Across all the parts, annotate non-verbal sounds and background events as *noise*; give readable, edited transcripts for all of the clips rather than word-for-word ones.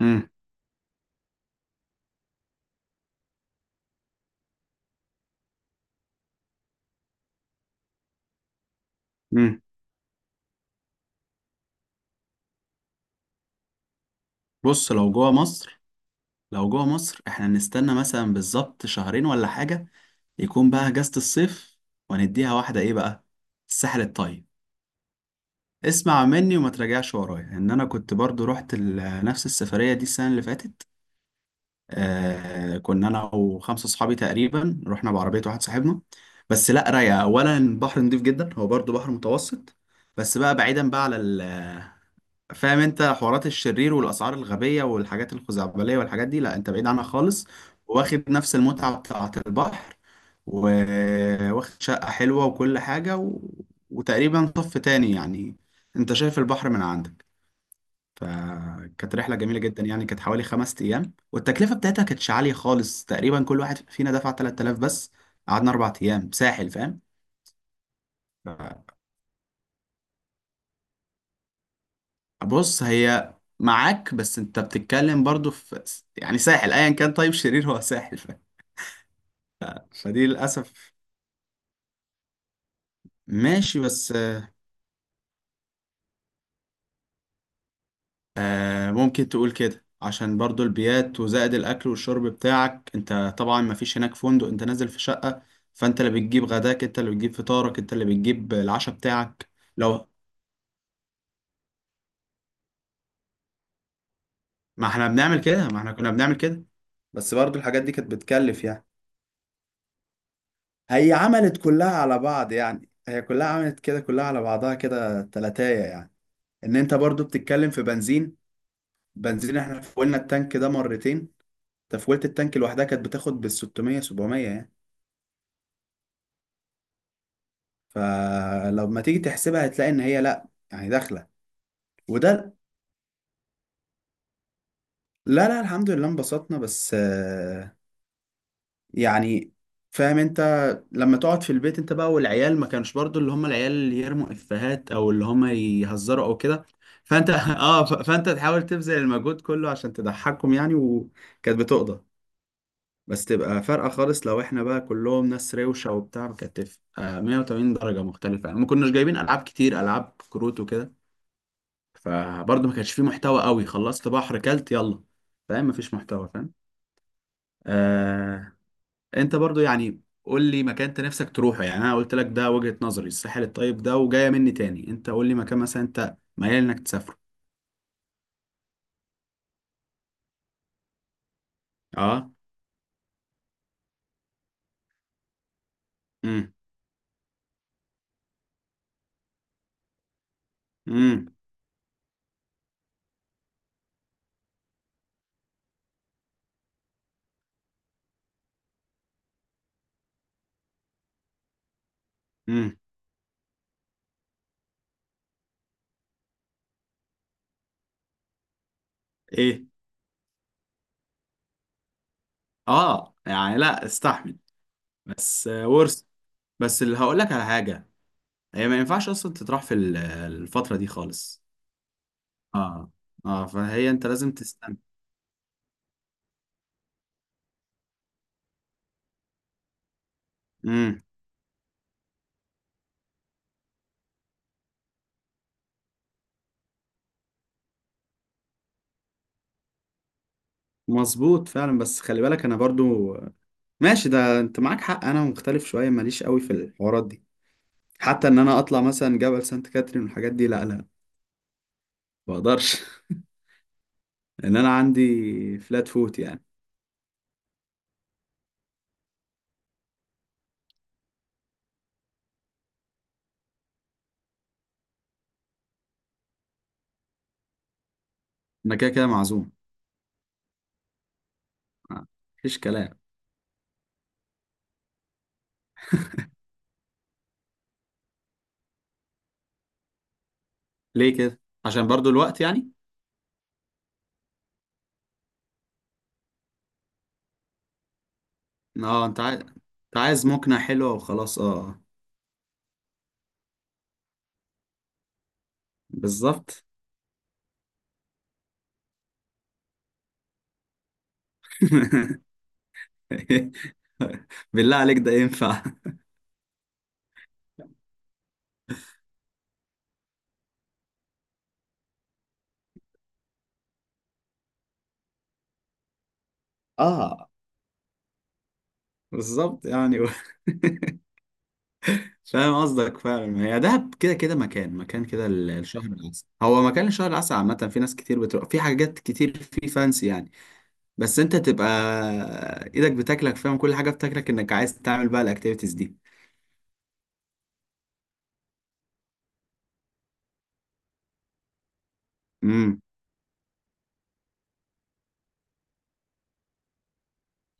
امم امم بص لو جوه مصر، احنا نستنى مثلا بالظبط شهرين ولا حاجة، يكون بقى اجازة الصيف، ونديها واحدة ايه بقى، الساحل الطيب. اسمع مني وما تراجعش ورايا، ان انا كنت برضو رحت نفس السفرية دي السنة اللي فاتت. آه، كنا انا وخمسة اصحابي تقريبا، رحنا بعربية واحد صاحبنا. بس لا، رايقة، اولا البحر نضيف جدا، هو برضو بحر متوسط، بس بقى بعيدا بقى على... فاهم انت، حوارات الشرير والاسعار الغبيه والحاجات الخزعبليه والحاجات دي، لا، انت بعيد عنها خالص. واخد نفس المتعه بتاعه البحر، وواخد شقه حلوه وكل حاجه، و... وتقريبا طف تاني يعني، انت شايف البحر من عندك. فكانت رحله جميله جدا، يعني كانت حوالي خمس ايام، والتكلفه بتاعتها كانتش عاليه خالص، تقريبا كل واحد فينا دفع 3000 بس. قعدنا اربع ايام ساحل، فاهم؟ بص، هي معاك، بس انت بتتكلم برضو في... يعني ساحل ايا كان، طيب شرير هو ساحل، ف... فدي للاسف، ماشي، بس ممكن تقول كده، عشان برضو البيات وزائد الاكل والشرب بتاعك، انت طبعا ما فيش هناك فندق، انت نازل في شقة، فانت اللي بتجيب غداك، انت اللي بتجيب فطارك، انت اللي بتجيب العشاء بتاعك. لو ما احنا بنعمل كده ما احنا كنا بنعمل كده، بس برضو الحاجات دي كانت بتكلف يعني. هي عملت كلها على بعض يعني، هي كلها عملت كده، كلها على بعضها كده تلاتاية يعني، ان انت برضو بتتكلم في بنزين. احنا فولنا التانك ده مرتين، تفويلة التانك لوحدها كانت بتاخد بال 600 700 يعني. فلما تيجي تحسبها هتلاقي ان هي لا، يعني داخله، وده... لا لا، الحمد لله انبسطنا، بس يعني فاهم انت، لما تقعد في البيت انت بقى والعيال، ما كانش برضو اللي هم العيال اللي يرموا افيهات او اللي هم يهزروا او كده، فانت *laughs* اه، فانت تحاول تبذل المجهود كله عشان تضحكهم يعني، وكانت بتقضى. بس تبقى فارقة خالص، لو احنا بقى كلهم ناس روشة وبتاع كانت تبقى 180 درجة مختلفة يعني، ما كناش جايبين ألعاب كتير، ألعاب كروت وكده. فبرضه ما كانش فيه محتوى قوي، خلصت بحر كلت يلا، فاهم، ما فيش محتوى، فاهم. آه... انت برضه يعني، قول لي مكان انت نفسك تروحه، يعني انا قلت لك ده وجهة نظري الساحل الطيب ده، وجاية مني تاني، انت قول لي مكان مثلا انت ميال انك تسافره. اه. امم. امم. امم. ايه؟ اه، يعني لا استحمل. بس ورث، بس اللي هقول لك على حاجة، هي ما ينفعش اصلا تطرح في الفترة دي خالص. اه اه، فهي انت لازم تستنى. امم، مظبوط فعلا، بس خلي بالك انا برضو، ماشي ده انت معاك حق، انا مختلف شوية، ماليش قوي في الحوارات دي، حتى ان انا اطلع مثلا جبل سانت كاترين والحاجات دي، لا لا، ما اقدرش *laughs* ان انا عندي فلات فوت يعني. انا كده كده معزوم، آه، مفيش كلام. ليه كده؟ عشان برضو الوقت يعني. اه، انت عايز مقنع حلوة وخلاص، اه. بالظبط. *laughs* *laughs* بالله عليك، ده ينفع؟ اه، بالظبط يعني، و... *laughs* فاهم قصدك فعلا، هي دهب كده كده مكان كده الشهر العسل، هو مكان الشهر العسل عامة، في ناس كتير بتروح في حاجات كتير في فانسي يعني. بس انت تبقى ايدك بتاكلك فاهم، كل حاجة بتاكلك انك عايز تعمل بقى الاكتيفيتيز دي. امم.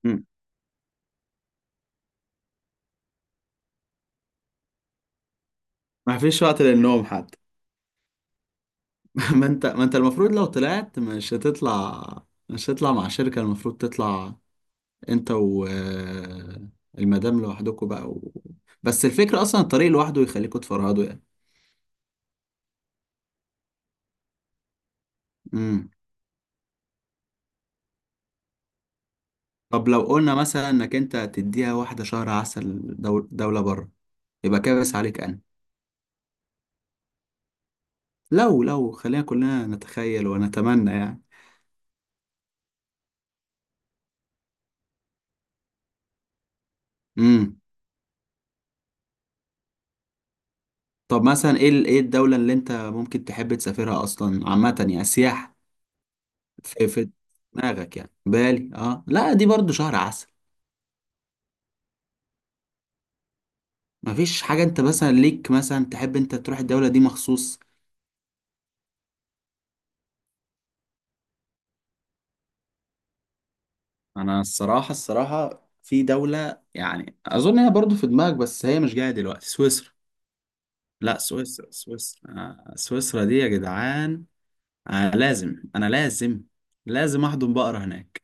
أمم. ما فيش وقت للنوم حتى. *laughs* ما انت المفروض لو طلعت مش هتطلع، مش هتطلع مع شركة المفروض تطلع، انت و المدام لوحدكم بقى، و... بس الفكرة اصلا الطريق لوحده يخليكم تفرهدوا يعني. امم. طب لو قلنا مثلا انك انت تديها واحدة شهر عسل، دولة بره، يبقى كابس عليك انا. لو خلينا كلنا نتخيل ونتمنى يعني. امم. طب مثلا، ايه الدولة اللي انت ممكن تحب تسافرها اصلا، عامة يعني سياحة؟ في دماغك يعني بالي؟ اه لا، دي برضو شهر عسل. مفيش حاجة، انت مثلا ليك مثلا تحب انت تروح الدولة دي مخصوص؟ انا الصراحه، في دوله يعني اظن هي برضو في دماغك، بس هي مش جايه دلوقتي، سويسرا. لا، سويسرا، سويسرا دي يا جدعان! آه، لازم انا لازم، لازم احضن بقرة هناك.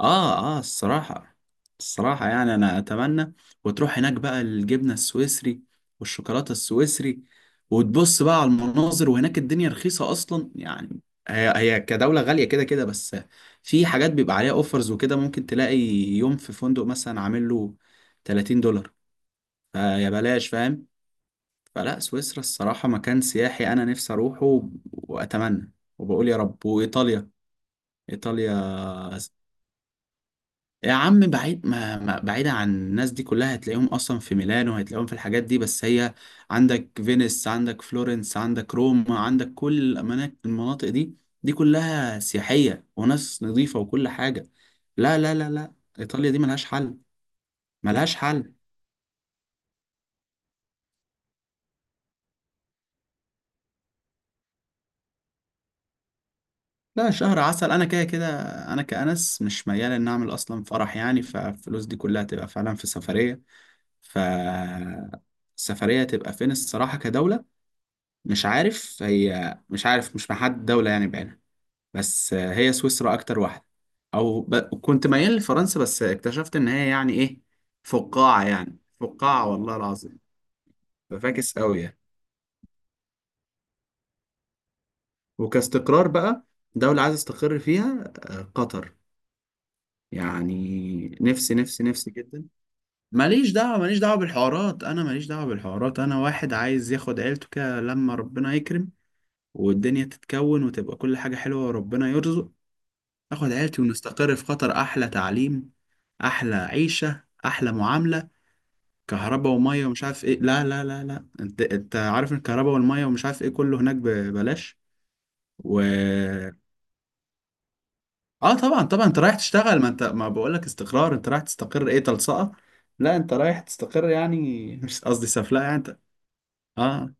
اه اه، الصراحة، يعني انا اتمنى. وتروح هناك بقى، الجبنة السويسري والشوكولاتة السويسري، وتبص بقى على المناظر، وهناك الدنيا رخيصة اصلا يعني. هي كدولة غالية كده كده بس، في حاجات بيبقى عليها اوفرز وكده، ممكن تلاقي يوم في فندق مثلا عامل له 30 دولار، فيا بلاش فاهم. فلا، سويسرا الصراحة مكان سياحي انا نفسي اروحه، واتمنى، وبقول يا رب. وايطاليا، ايطاليا. يا عم بعيد، بعيدة عن الناس دي كلها، هتلاقيهم أصلا في ميلانو، هتلاقيهم في الحاجات دي، بس هي عندك فينيس، عندك فلورنس، عندك روما، عندك كل الأماكن المناطق دي، دي كلها سياحية وناس نظيفة وكل حاجة. لا لا لا لا، إيطاليا دي ملهاش حل. ملهاش حل. لا، شهر عسل أنا كده كده، أنا كأنس مش ميال إن أعمل أصلا فرح يعني، فالفلوس دي كلها تبقى فعلا في سفرية. ف السفرية تبقى فين الصراحة كدولة؟ مش عارف، مش محدد دولة يعني بعينها، بس هي سويسرا أكتر واحدة، أو ب... كنت ميال لفرنسا، بس اكتشفت إن هي يعني إيه، فقاعة، يعني فقاعة والله العظيم، ففاكس أوي يعني. وكاستقرار بقى، دولة عايز استقر فيها قطر، يعني نفسي نفسي نفسي جدا. ماليش دعوة، ماليش دعوة بالحوارات، أنا واحد عايز ياخد عيلته كده لما ربنا يكرم، والدنيا تتكون وتبقى كل حاجة حلوة، وربنا يرزق. اخد عيلتي ونستقر في قطر، احلى تعليم، احلى عيشه، احلى معامله. كهرباء وميه ومش عارف ايه، لا لا لا لا، انت عارف إن الكهرباء والميه ومش عارف ايه كله هناك ببلاش، و... اه طبعا طبعا، انت رايح تشتغل، ما انت ما بقول لك استقرار، انت رايح تستقر ايه تلصقه. لا، انت رايح تستقر يعني، مش قصدي سفلقه يعني انت. اه.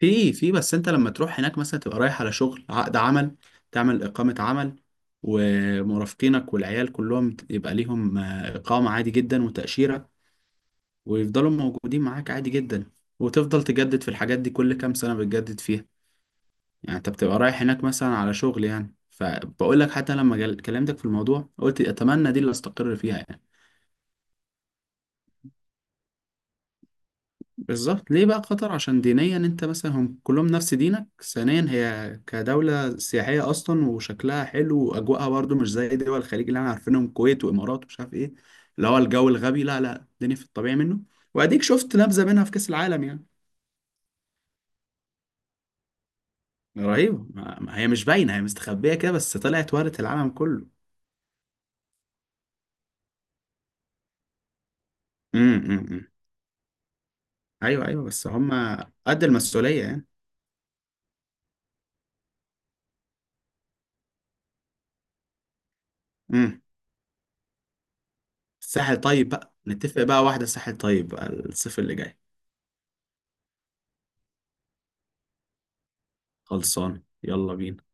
في، بس انت لما تروح هناك مثلا تبقى رايح على شغل، عقد عمل، تعمل إقامة عمل، ومرافقينك والعيال كلهم يبقى ليهم إقامة عادي جدا وتأشيرة، ويفضلوا موجودين معاك عادي جدا، وتفضل تجدد في الحاجات دي كل كام سنة بتجدد فيها. يعني انت بتبقى رايح هناك مثلا على شغل يعني، فبقول لك حتى لما كلمتك في الموضوع قلت أتمنى دي اللي استقر فيها يعني. بالظبط، ليه بقى قطر؟ عشان دينيا انت مثلا هم كلهم نفس دينك، ثانيا هي كدولة سياحية اصلا وشكلها حلو، واجواءها برضو مش زي دول الخليج اللي احنا عارفينهم، الكويت وامارات ومش عارف ايه، اللي هو الجو الغبي، لا لا، الدنيا في الطبيعي منه. واديك شفت نبذة منها في كأس العالم يعني. رهيبة، ما ما هي مش باينة، هي مستخبية كده، بس طلعت ورث العالم كله. امم. امم. ايوه ايوه، بس هم قد المسؤولية يعني. امم. الساحل طيب بقى، نتفق بقى واحدة، ساحل طيب بقى، الصيف اللي جاي. خلصان، يلا بينا.